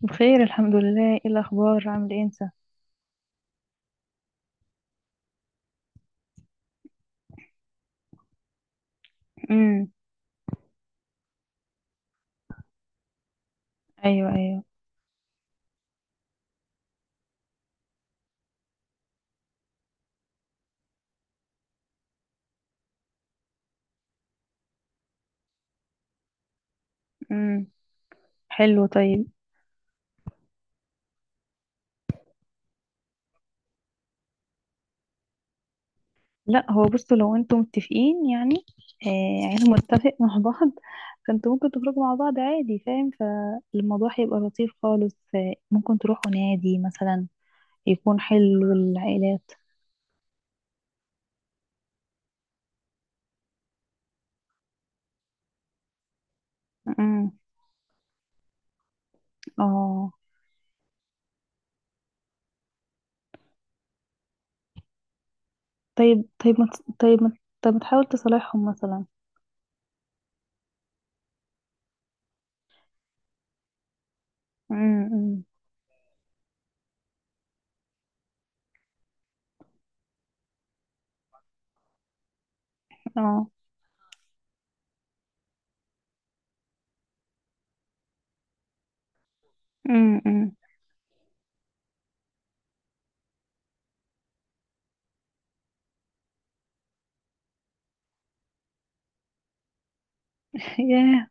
بخير الحمد لله، ايه الاخبار، عامل ايه انت؟ امم. ايوه، ايوه. امم. حلو، طيب. لا هو بصوا، لو انتم متفقين يعني. عيلة متفق مع بعض، فانتوا ممكن تخرجوا مع بعض عادي، فاهم، فالموضوع هيبقى لطيف خالص، ممكن تروحوا نادي مثلا، يكون حلو للعائلات. امم. اه. طيب طيب ما ت- طيب ما طيب ما تحاول تصالحهم مثلا. امم. اه. امم. ياه.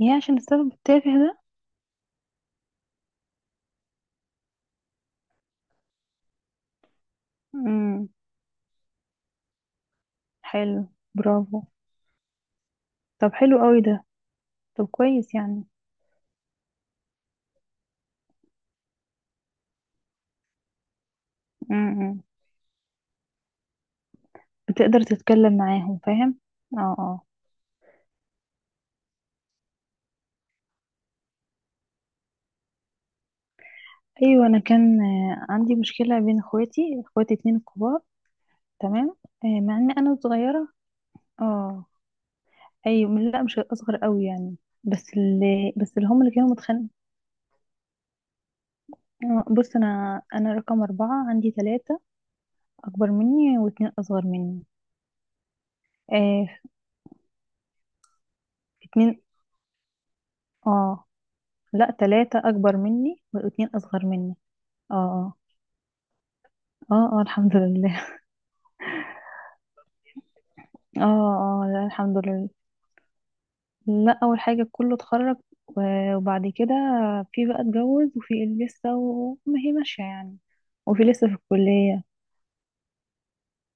ياه، عشان السبب التافه ده. امم، حلو. برافو. طب، حلو قوي ده. طب، كويس يعني. امم. بتقدر تتكلم معاهم، فاهم؟ اه، اه. ايوه، انا كان عندي مشكله بين اخواتي اتنين كبار. تمام. مع ان انا صغيره. اه، ايوه، لا مش اصغر قوي يعني. بس اللي هم اللي كانوا متخانقين. بص، انا رقم اربعه، عندي ثلاثه اكبر مني واتنين اصغر مني. آه، اتنين، اه. لا، ثلاثه اكبر مني واتنين اصغر مني. اه آه. اه، اه، الحمد لله. اه، اه، لا الحمد لله. لا، اول حاجه كله اتخرج، و- وبعد كده، في بقى اتجوز، وفي اللي لسه وما هي ماشيه يعني، وفي لسه في الكليه.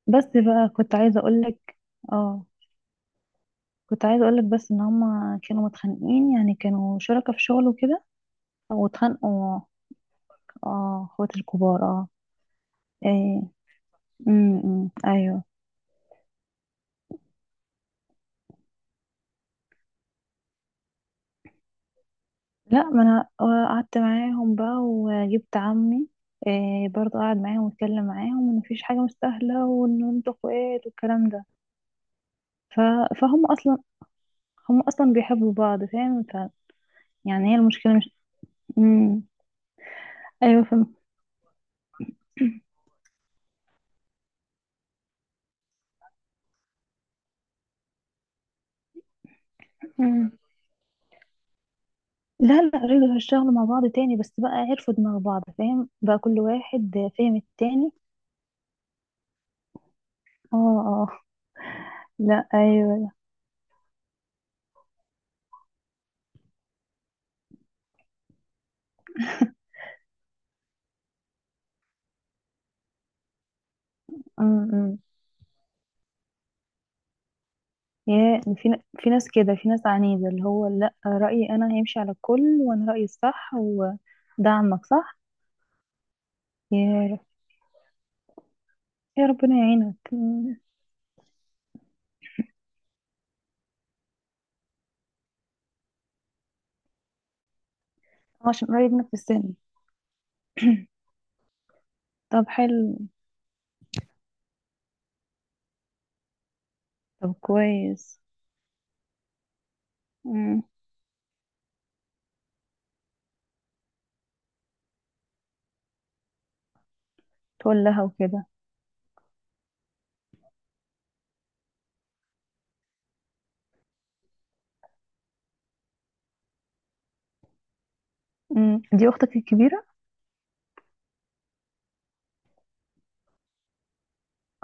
بس بقى كنت عايزه اقول لك. اه، كنت عايزه اقول لك، بس ان هما كانوا متخانقين، يعني كانوا شركاء في شغل وكده، واتخانقوا. اه، اخوات الكبار، اه. ايه. امم، أمم، ايوه. لا، ما انا قعدت معاهم بقى وجبت عمي. إيه، برضه قعد معاهم واتكلم معاهم ان مفيش حاجه مستاهله، وان انتوا اخوات والكلام ده. ف... فهم اصلا، هم اصلا بيحبوا بعض، فاهم. يعني هي المشكله مش. مم. ايوه، فاهم. مم. لا، لا، رجعوا هيشتغلوا مع بعض تاني، بس بقى عرفوا دماغ بعض، فاهم بقى كل واحد فاهم التاني. اه، اه، لا، ايوه، لا. مم، مم. يا، في ناس كده، في ناس عنيدة، اللي هو لا، رأيي أنا هيمشي على الكل، وأنا رأيي الصح، ودعمك صح. يا رب. يا ربنا يعينك. مم. عشان قريب منك في السن. طب، حلو. طب، كويس. مم. تقول لها وكده. مم. دي أختك الكبيرة؟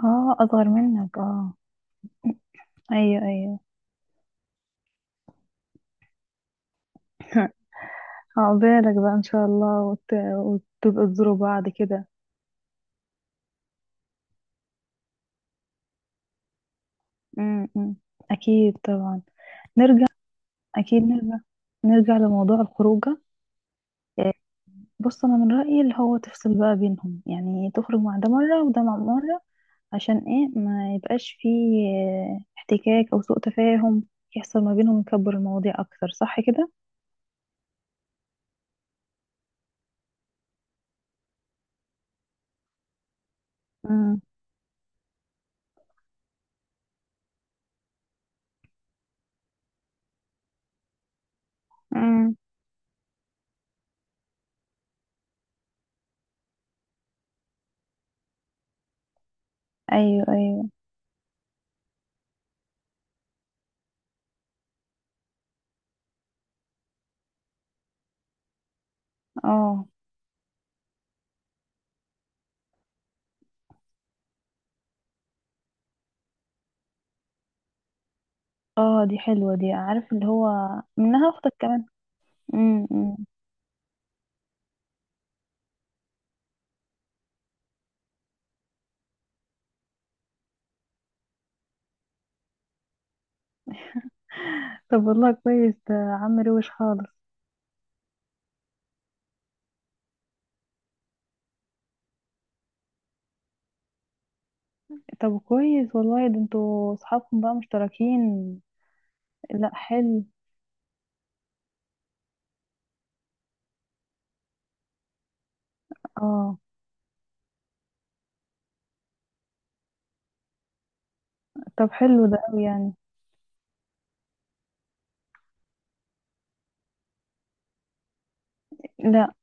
اه، أصغر منك، اه. أيوه، أيوه. عقبالك بقى إن شاء الله، وتبقوا تزوروا بعض كده. مم. مم. أكيد طبعا. نرجع. أكيد نرجع. نرجع لموضوع الخروجة. آه، بص، انا من رايي اللي هو تفصل بقى بينهم، يعني تخرج مع ده مره وده مع مره، عشان ايه ما يبقاش فيه احتكاك او سوء تفاهم يحصل ما بينهم، يكبر المواضيع اكتر، صح كده؟ امم، امم، ايوه، ايوه، اه، اه. دي حلوه دي، عارف اللي هو منها اختك كمان. امم، أمم. طب والله كويس ده، عم روش خالص. طب كويس والله، ده انتوا اصحابكم بقى مشتركين. لا حلو. اه، طب حلو ده قوي يعني. لا،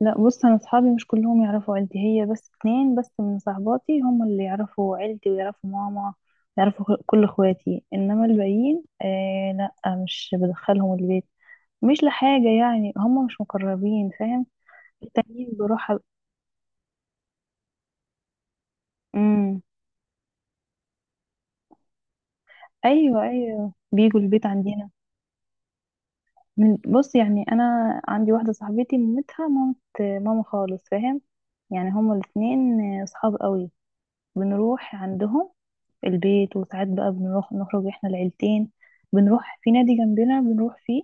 لا، بص انا اصحابي مش كلهم يعرفوا عيلتي، هي بس اتنين بس من صاحباتي هم اللي يعرفوا عيلتي ويعرفوا ماما، يعرفوا كل اخواتي، انما الباقيين لا، مش بدخلهم البيت، مش لحاجة يعني، هم مش مقربين، فاهم. التانيين بروح. امم. ايوه، ايوه بيجوا البيت عندنا. بص يعني انا عندي واحدة صاحبتي مامتها، مامت ماما خالص، فاهم، يعني هما الاتنين صحاب قوي، بنروح عندهم البيت، وساعات بقى بنروح نخرج احنا العيلتين، بنروح في نادي جنبنا بنروح فيه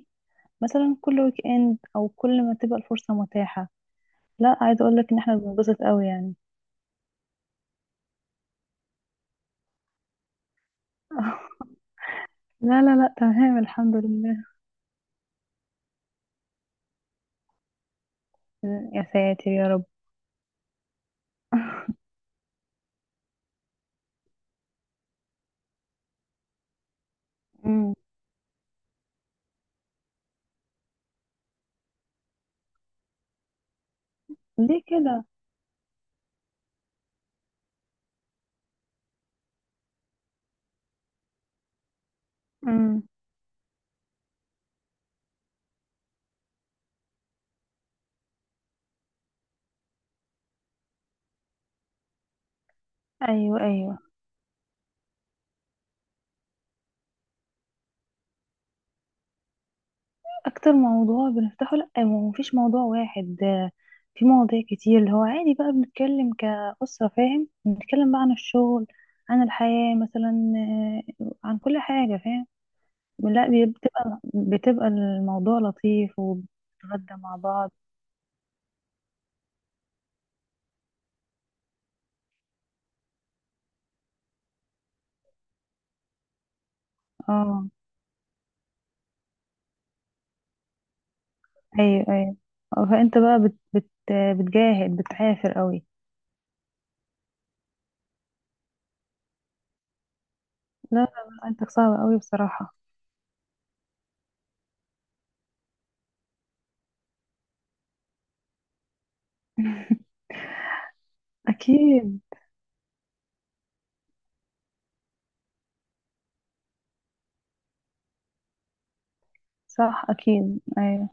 مثلا كل ويك اند، او كل ما تبقى الفرصة متاحة. لا عايزة اقول لك ان احنا بننبسط قوي يعني. لا، لا، لا، تمام الحمد لله. يا ساتر، يا رب. مم. ليه كده؟ مم. ايوه، ايوه. اكتر موضوع بنفتحه؟ لا، ما فيش موضوع واحد، في مواضيع كتير، اللي هو عادي بقى بنتكلم كأسرة، فاهم، بنتكلم بقى عن الشغل، عن الحياة مثلا، عن كل حاجة، فاهم. لا بتبقى الموضوع لطيف وبنتغدى مع بعض. اه، ايوه، ايوه. فانت بقى بت بت بتجاهد، بتعافر قوي. لا، لا، لا، انت صعب قوي بصراحة. اكيد. صح، اكيد، ايوه.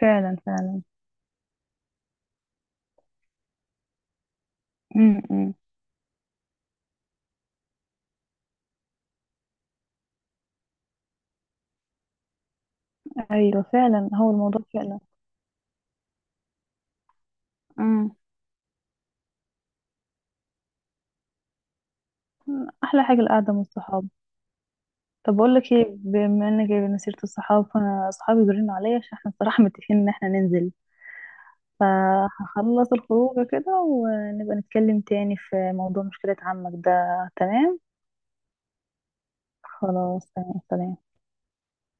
فعلا، فعلا. م -م. ايوه، فعلا، هو الموضوع فعلا. امم. احلى حاجه القعده مع الصحاب. طب اقول لك ايه، بما انك جايبه سيره الصحاب، فانا اصحابي بيرنوا عليا عشان احنا الصراحه متفقين ان احنا ننزل، فهخلص الخروج كده، ونبقى نتكلم تاني في موضوع مشكله عمك ده. تمام. خلاص، تمام، سلام.